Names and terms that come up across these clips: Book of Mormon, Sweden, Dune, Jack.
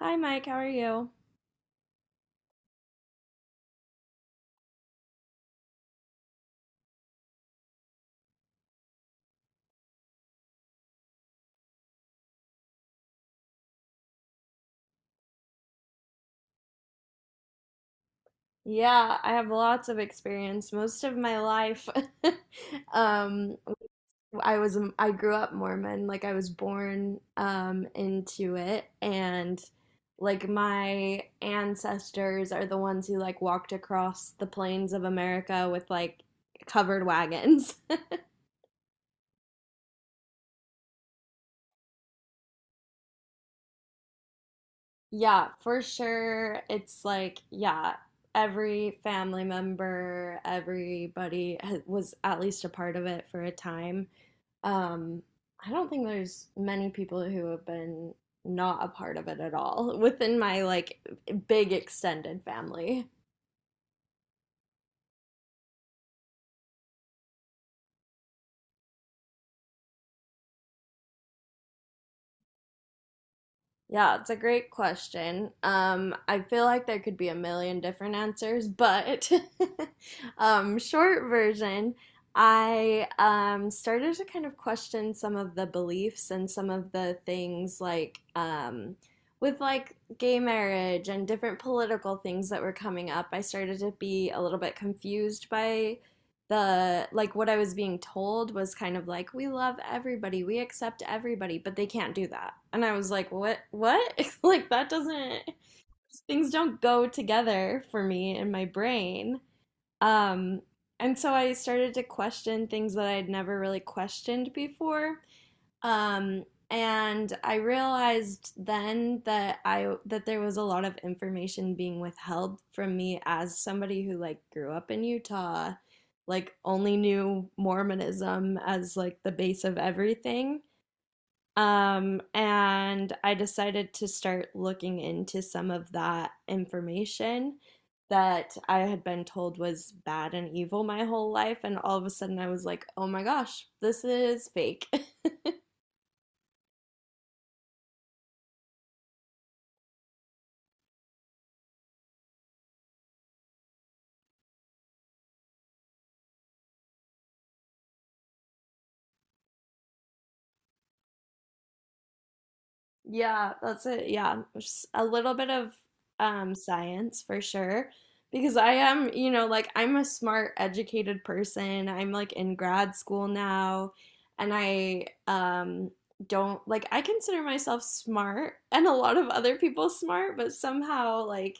Hi, Mike. How are you? Yeah, I have lots of experience. Most of my life, um, I was I grew up Mormon. Like I was born into it, and like my ancestors are the ones who like walked across the plains of America with like covered wagons. Yeah, for sure. It's like, yeah, every family member, was at least a part of it for a time. Um, I don't think there's many people who have been not a part of it at all within my like big extended family. Yeah, it's a great question. I feel like there could be a million different answers, but short version, I started to kind of question some of the beliefs and some of the things like with like gay marriage and different political things that were coming up. I started to be a little bit confused by the like what I was being told was kind of like we love everybody, we accept everybody, but they can't do that. And I was like, "What? What? like that doesn't things don't go together for me in my brain." Um and so I started to question things that I'd never really questioned before. Um, and I realized then that there was a lot of information being withheld from me as somebody who like grew up in Utah, like only knew Mormonism as like the base of everything. And I decided to start looking into some of that information that I had been told was bad and evil my whole life. And all of a sudden I was like, oh my gosh, this is fake. Yeah, that's it. Yeah, just a little bit of science for sure. Because I am, you know, like I'm a smart, educated person. I'm like in grad school now, and I don't like I consider myself smart and a lot of other people smart, but somehow like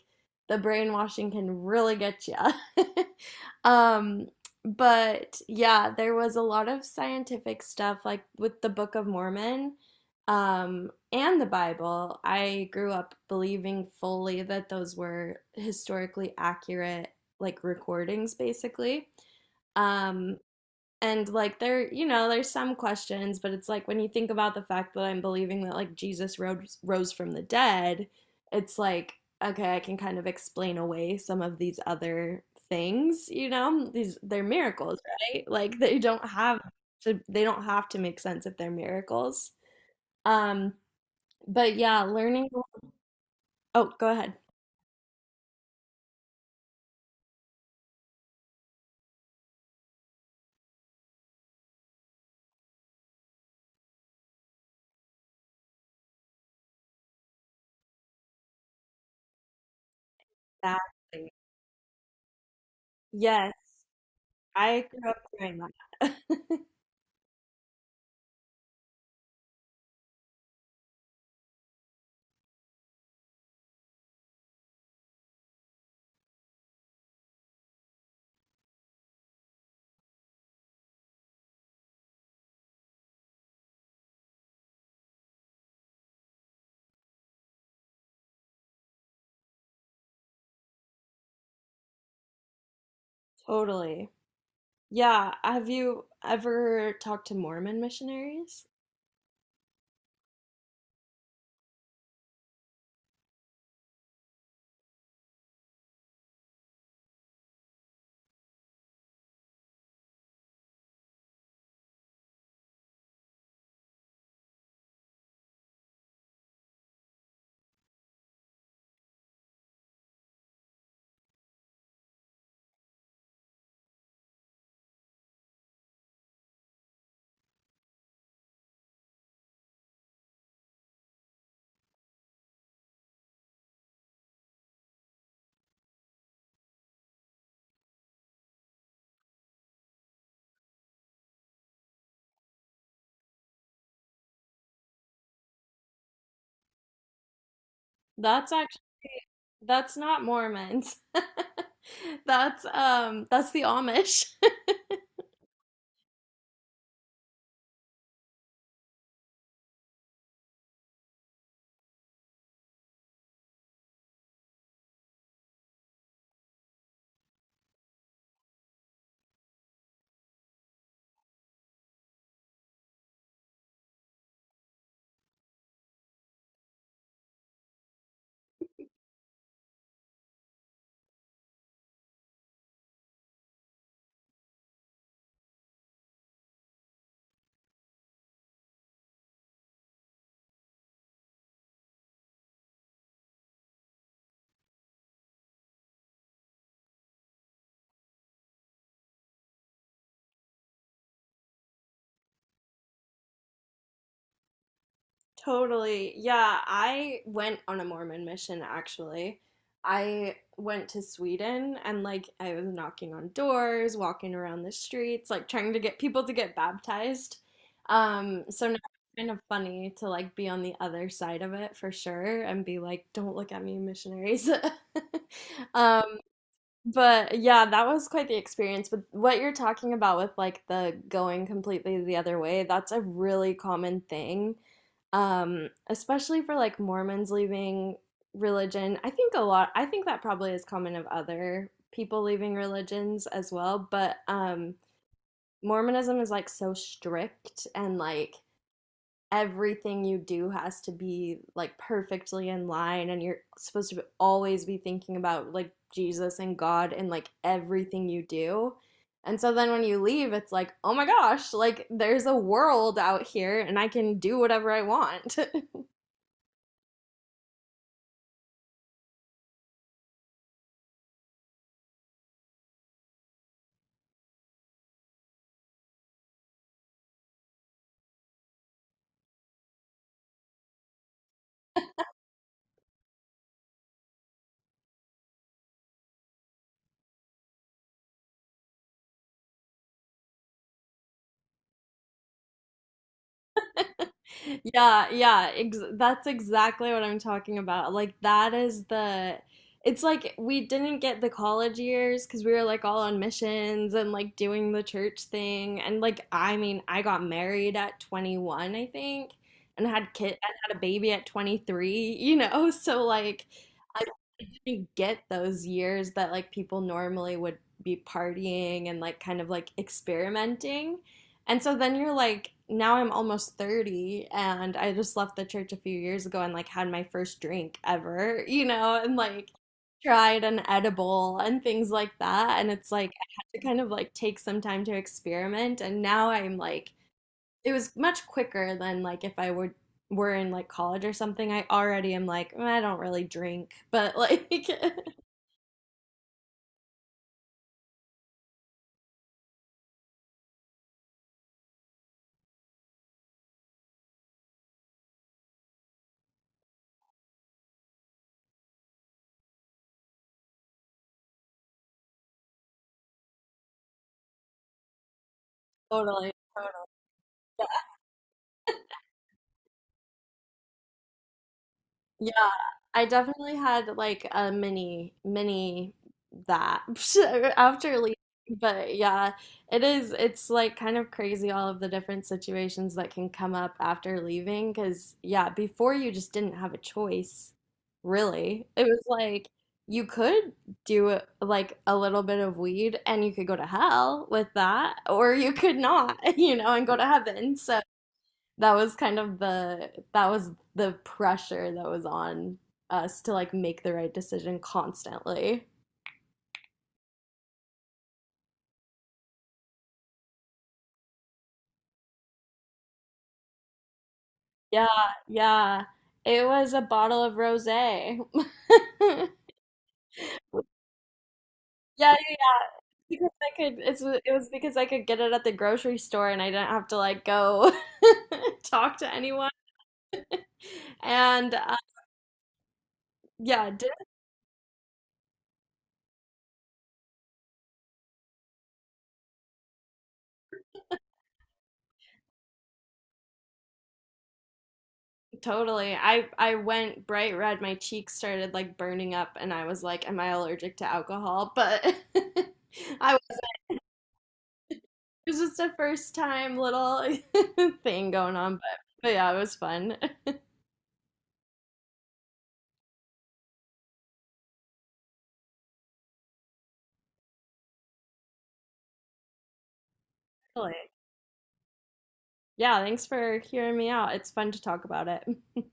the brainwashing can really get you. Um, but yeah, there was a lot of scientific stuff like with the Book of Mormon and the Bible, I grew up believing fully that those were historically accurate, like recordings, basically. Um, and like there, you know, there's some questions, but it's like when you think about the fact that I'm believing that like Jesus rose from the dead, it's like okay, I can kind of explain away some of these other things, you know? These they're miracles, right? Like they don't have to make sense if they're miracles. Um, but yeah, learning. Oh, go ahead. Exactly. Yes, I grew up doing that. Totally. Yeah. Have you ever talked to Mormon missionaries? That's actually that's not Mormons. That's the Amish. Totally. Yeah, I went on a Mormon mission actually. I went to Sweden and like I was knocking on doors, walking around the streets, like trying to get people to get baptized. So now it's kind of funny to like be on the other side of it for sure and be like, don't look at me, missionaries. Um, but yeah, that was quite the experience. But what you're talking about with like the going completely the other way, that's a really common thing. Especially for like Mormons leaving religion. I think a lot, I think that probably is common of other people leaving religions as well. But Mormonism is like so strict and like everything you do has to be like perfectly in line and you're supposed to always be thinking about like Jesus and God and like everything you do. And so then when you leave it's like, "Oh my gosh, like there's a world out here and I can do whatever I want." Yeah, yeah, ex that's exactly what I'm talking about. Like that is the it's like we didn't get the college years because we were like all on missions and like doing the church thing and like I mean, I got married at 21, I think, and had kid and had a baby at 23, you know? So like I didn't get those years that like people normally would be partying and like kind of like experimenting. And so then you're like, now I'm almost 30 and I just left the church a few years ago and like had my first drink ever, you know, and like tried an edible and things like that. And it's like, I had to kind of like take some time to experiment. And now I'm like, it was much quicker than like if I were in like college or something. I already am like, "Mm, I don't really drink, but like totally, totally. Yeah, I definitely had like a mini that after leaving. But yeah, it is it's like kind of crazy all of the different situations that can come up after leaving because yeah, before you just didn't have a choice, really. It was like you could like a little bit of weed and you could go to hell with that, or you could not, you know, and go to heaven. So that was the pressure that was on us to like make the right decision constantly. Yeah, yeah. It was a bottle of rosé. Yeah, yeah, yeah. Because I could it's it was because I could get it at the grocery store and I didn't have to like go talk to anyone. And yeah, Totally. I went bright red. My cheeks started like burning up, and I was like, "Am I allergic to alcohol?" But I was, it was just a first time little thing going on. But yeah, it was fun. Totally. Yeah, thanks for hearing me out. It's fun to talk about it.